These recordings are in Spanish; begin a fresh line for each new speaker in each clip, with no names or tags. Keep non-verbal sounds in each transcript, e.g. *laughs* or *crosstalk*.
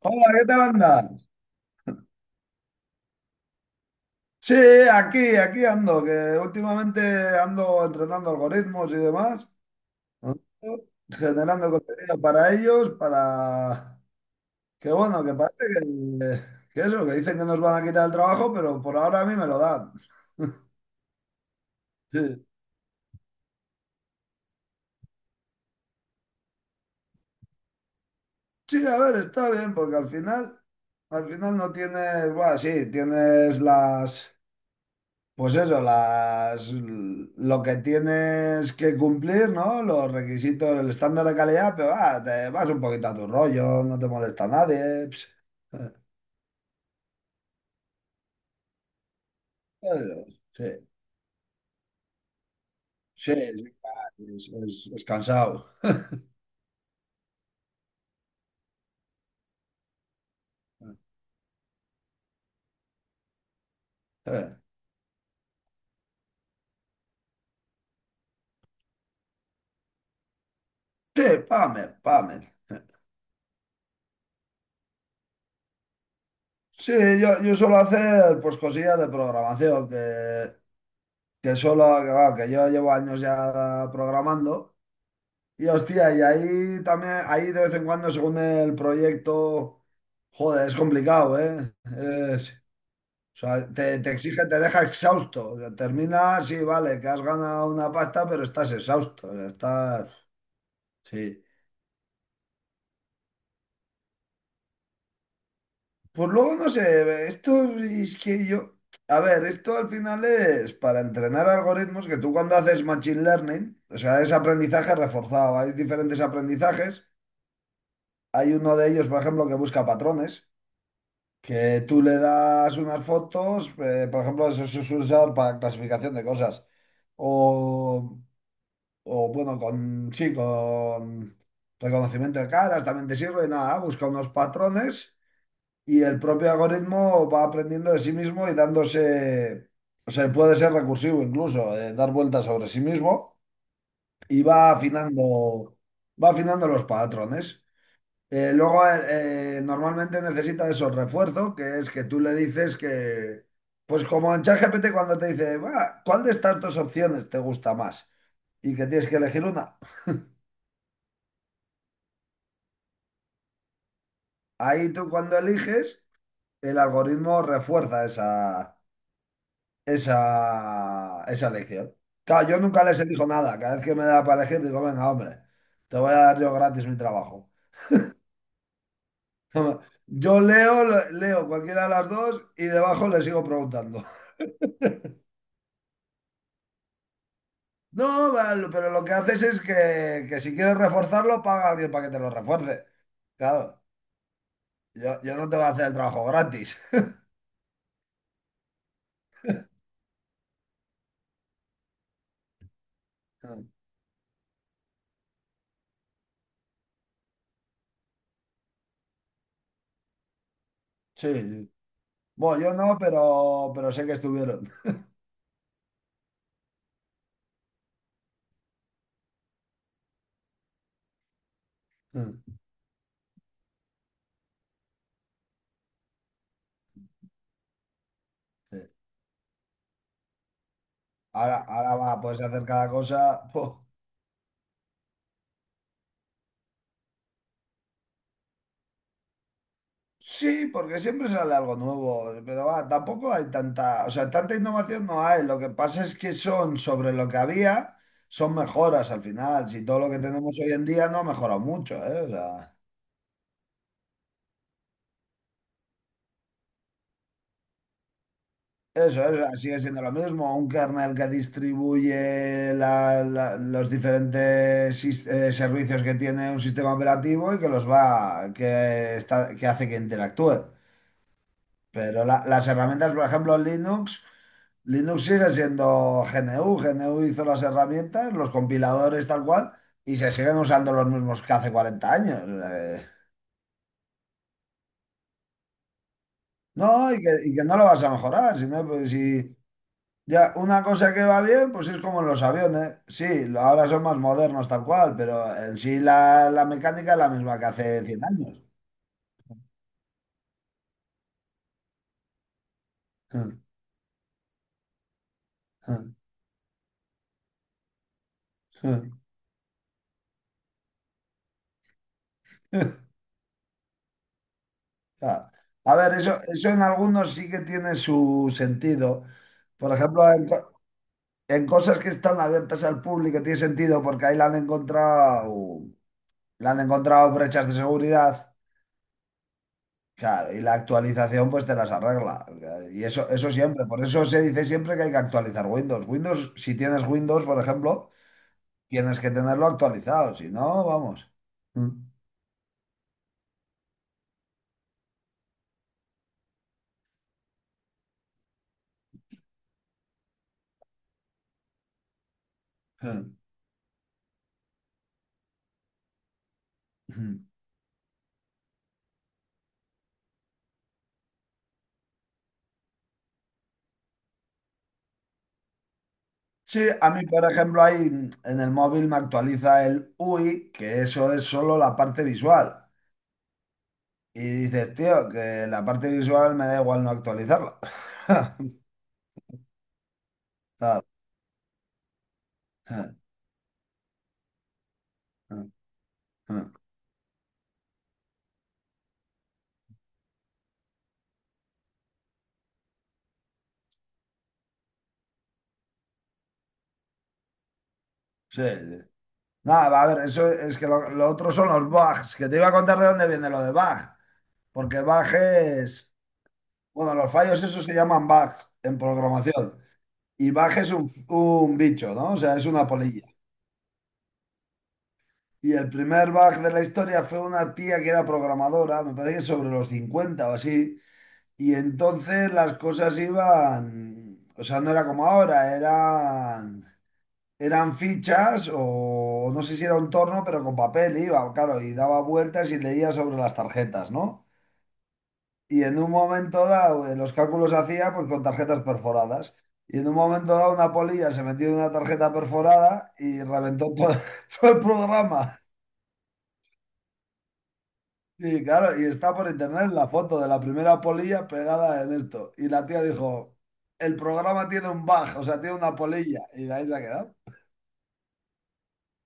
Hola, ¿qué tal andas? Sí, aquí ando, que últimamente ando entrenando algoritmos y demás, ¿no? Generando contenido para ellos, para... Que bueno, que parece que eso, que dicen que nos van a quitar el trabajo, pero por ahora a mí me lo dan. Sí. Sí, a ver, está bien, porque al final no tienes, bueno, sí, tienes las... Pues eso, las, lo que tienes que cumplir, ¿no? Los requisitos, el estándar de calidad, pero te vas un poquito a tu rollo, no te molesta a nadie. Ps. Eh, eh, Sí, sí, sí, es cansado. Eh, eh, Sí, pame, pame. Sí, yo suelo hacer pues cosillas de programación, que solo, que, va, que yo llevo años ya programando. Y hostia, y ahí también, ahí de vez en cuando, según el proyecto, joder, es complicado, ¿eh? O sea, te exige, te deja exhausto. O sea, termina, sí, vale, que has ganado una pasta, pero estás exhausto. O sea, estás. Sí. Pues luego, no sé, esto es que yo. A ver, esto al final es para entrenar algoritmos que tú cuando haces machine learning, o sea, es aprendizaje reforzado. Hay diferentes aprendizajes. Hay uno de ellos, por ejemplo, que busca patrones. Que tú le das unas fotos, por ejemplo, eso se suele usar para clasificación de cosas. O, bueno, con, sí, con reconocimiento de caras también te sirve. Nada, busca unos patrones y el propio algoritmo va aprendiendo de sí mismo y dándose, o sea, puede ser recursivo incluso, dar vueltas sobre sí mismo y va afinando los patrones. Luego, normalmente necesita esos refuerzos, que es que tú le dices que, pues como en ChatGPT cuando te dice, "Va, ¿cuál de estas dos opciones te gusta más? Y que tienes que elegir una. Ahí tú cuando eliges, el algoritmo refuerza esa elección. Claro, yo nunca les elijo nada. Cada vez que me da para elegir, digo, venga, hombre, te voy a dar yo gratis mi trabajo. *laughs* Yo leo, leo cualquiera de las dos y debajo le sigo preguntando. No, vale, pero lo que haces es que si quieres reforzarlo, paga a alguien para que te lo refuerce. Claro, yo no te voy a hacer el trabajo gratis. *laughs* Sí, sí. Bueno, yo no, pero sé que estuvieron. *laughs* Mm. Sí. Ahora va, puedes hacer cada cosa. *laughs* po. Sí, porque siempre sale algo nuevo, pero va, tampoco hay tanta, o sea, tanta innovación no hay. Lo que pasa es que son sobre lo que había, son mejoras al final. Si todo lo que tenemos hoy en día no ha mejorado mucho, ¿eh? O sea. Eso, sigue siendo lo mismo. Un kernel que distribuye los diferentes servicios que tiene un sistema operativo y que los va, que está, que hace que interactúe. Pero las herramientas, por ejemplo, Linux, Linux sigue siendo GNU. GNU hizo las herramientas, los compiladores tal cual, y se siguen usando los mismos que hace 40 años. No, y que no lo vas a mejorar, sino pues, si. Ya, una cosa que va bien, pues es como en los aviones. Sí, ahora son más modernos tal cual, pero en sí la mecánica es la misma que hace 100 años. *laughs* Ah, A ver, eso en algunos sí que tiene su sentido. Por ejemplo, en cosas que están abiertas al público tiene sentido porque ahí la han encontrado brechas de seguridad. Claro, y la actualización pues te las arregla. Y eso siempre, por eso se dice siempre que hay que actualizar Windows. Windows, si tienes Windows, por ejemplo, tienes que tenerlo actualizado, si no, vamos. Mm, mm, mm. Sí, a mí, por ejemplo, ahí en el móvil me actualiza el UI, que eso es solo la parte visual. Y dices, tío, que la parte visual me da igual no actualizarla. *laughs* Claro. Mm, mm, mm. Sí, sí. Nada, a ver, eso es que lo otro son los bugs, que te iba a contar de dónde viene lo de bug, porque bug es, bueno, los fallos esos se llaman bugs en programación, y bug es un bicho, ¿no? O sea, es una polilla. Y el primer bug de la historia fue una tía que era programadora, me parece que sobre los 50 o así, y entonces las cosas iban, o sea, no era como ahora, eran. Eran fichas o no sé si era un torno, pero con papel iba, claro, y daba vueltas y leía sobre las tarjetas, ¿no? Y en un momento dado, los cálculos hacía pues con tarjetas perforadas. Y en un momento dado, una polilla se metió en una tarjeta perforada y reventó todo, *laughs* todo el programa. Y claro, y está por internet la foto de la primera polilla pegada en esto. Y la tía dijo, el programa tiene un bug, o sea, tiene una polilla. Y ahí se ha quedado.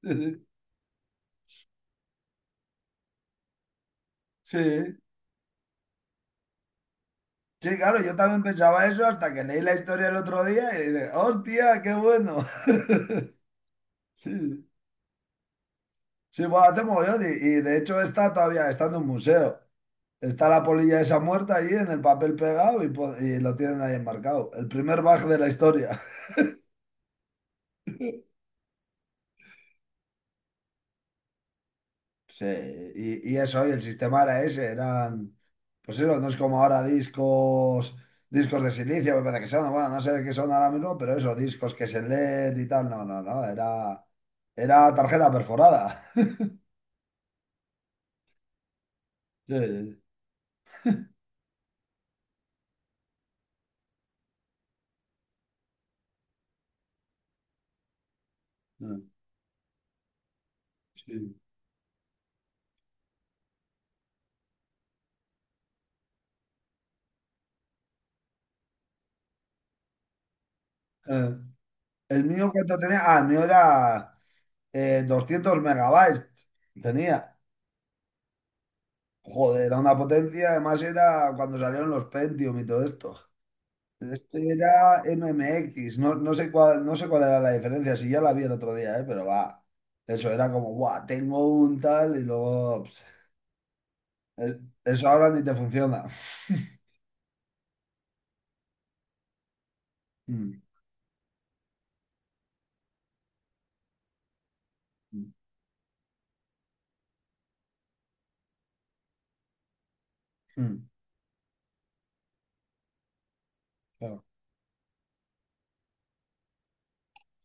*laughs* Sí, sí. Sí, claro, yo también pensaba eso hasta que leí la historia el otro día y dije, ¡hostia, qué bueno! *laughs* Sí, sí, bueno, hace mogollón y de hecho está todavía, está en un museo. Está la polilla esa muerta allí en el papel pegado y, y lo tienen ahí enmarcado. El primer bug de la historia. *laughs* Sí, y eso, y el sistema era ese, eran, pues eso, no es como ahora discos, de silicio, me parece que son, bueno, no sé de qué son ahora mismo, pero eso, discos que se leen y tal, no, no, no, era tarjeta perforada. Sí, sí, sí. Eh, el mío cuánto tenía, el mío era 200 megabytes. Tenía, joder, era una potencia, además era cuando salieron los Pentium y todo esto. Este era MMX, no, no sé cuál era la diferencia, si ya la vi el otro día, pero va, eso era como, guau, tengo un tal y luego, es- eso ahora ni te funciona. *laughs* Mm, mm, mm, claro,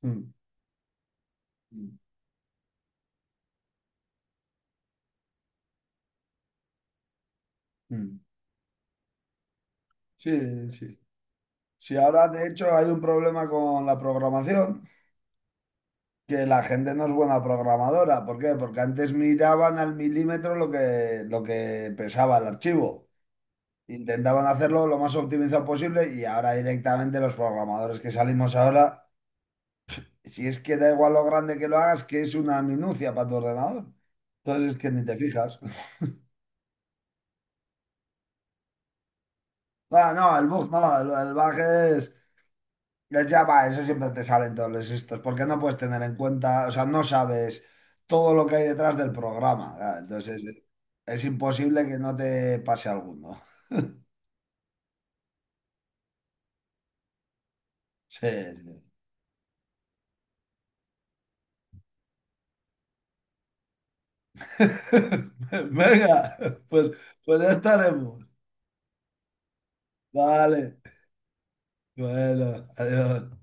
mm, mm, mm. Sí, sí. Si ahora de hecho hay un problema con la programación, que la gente no es buena programadora. ¿Por qué? Porque antes miraban al milímetro lo que pesaba el archivo. Intentaban hacerlo lo más optimizado posible y ahora directamente los programadores que salimos ahora, si es que da igual lo grande que lo hagas, que es una minucia para tu ordenador. Entonces es que ni te fijas. *laughs* Ah, no, el bug no, el bug es. Los Java, eso siempre te salen todos los estos, porque no puedes tener en cuenta, o sea, no sabes todo lo que hay detrás del programa. Claro, entonces, es imposible que no te pase alguno. Sí, sí. *laughs* Venga, pues, pues ya estaremos. Vale. Bueno, adiós.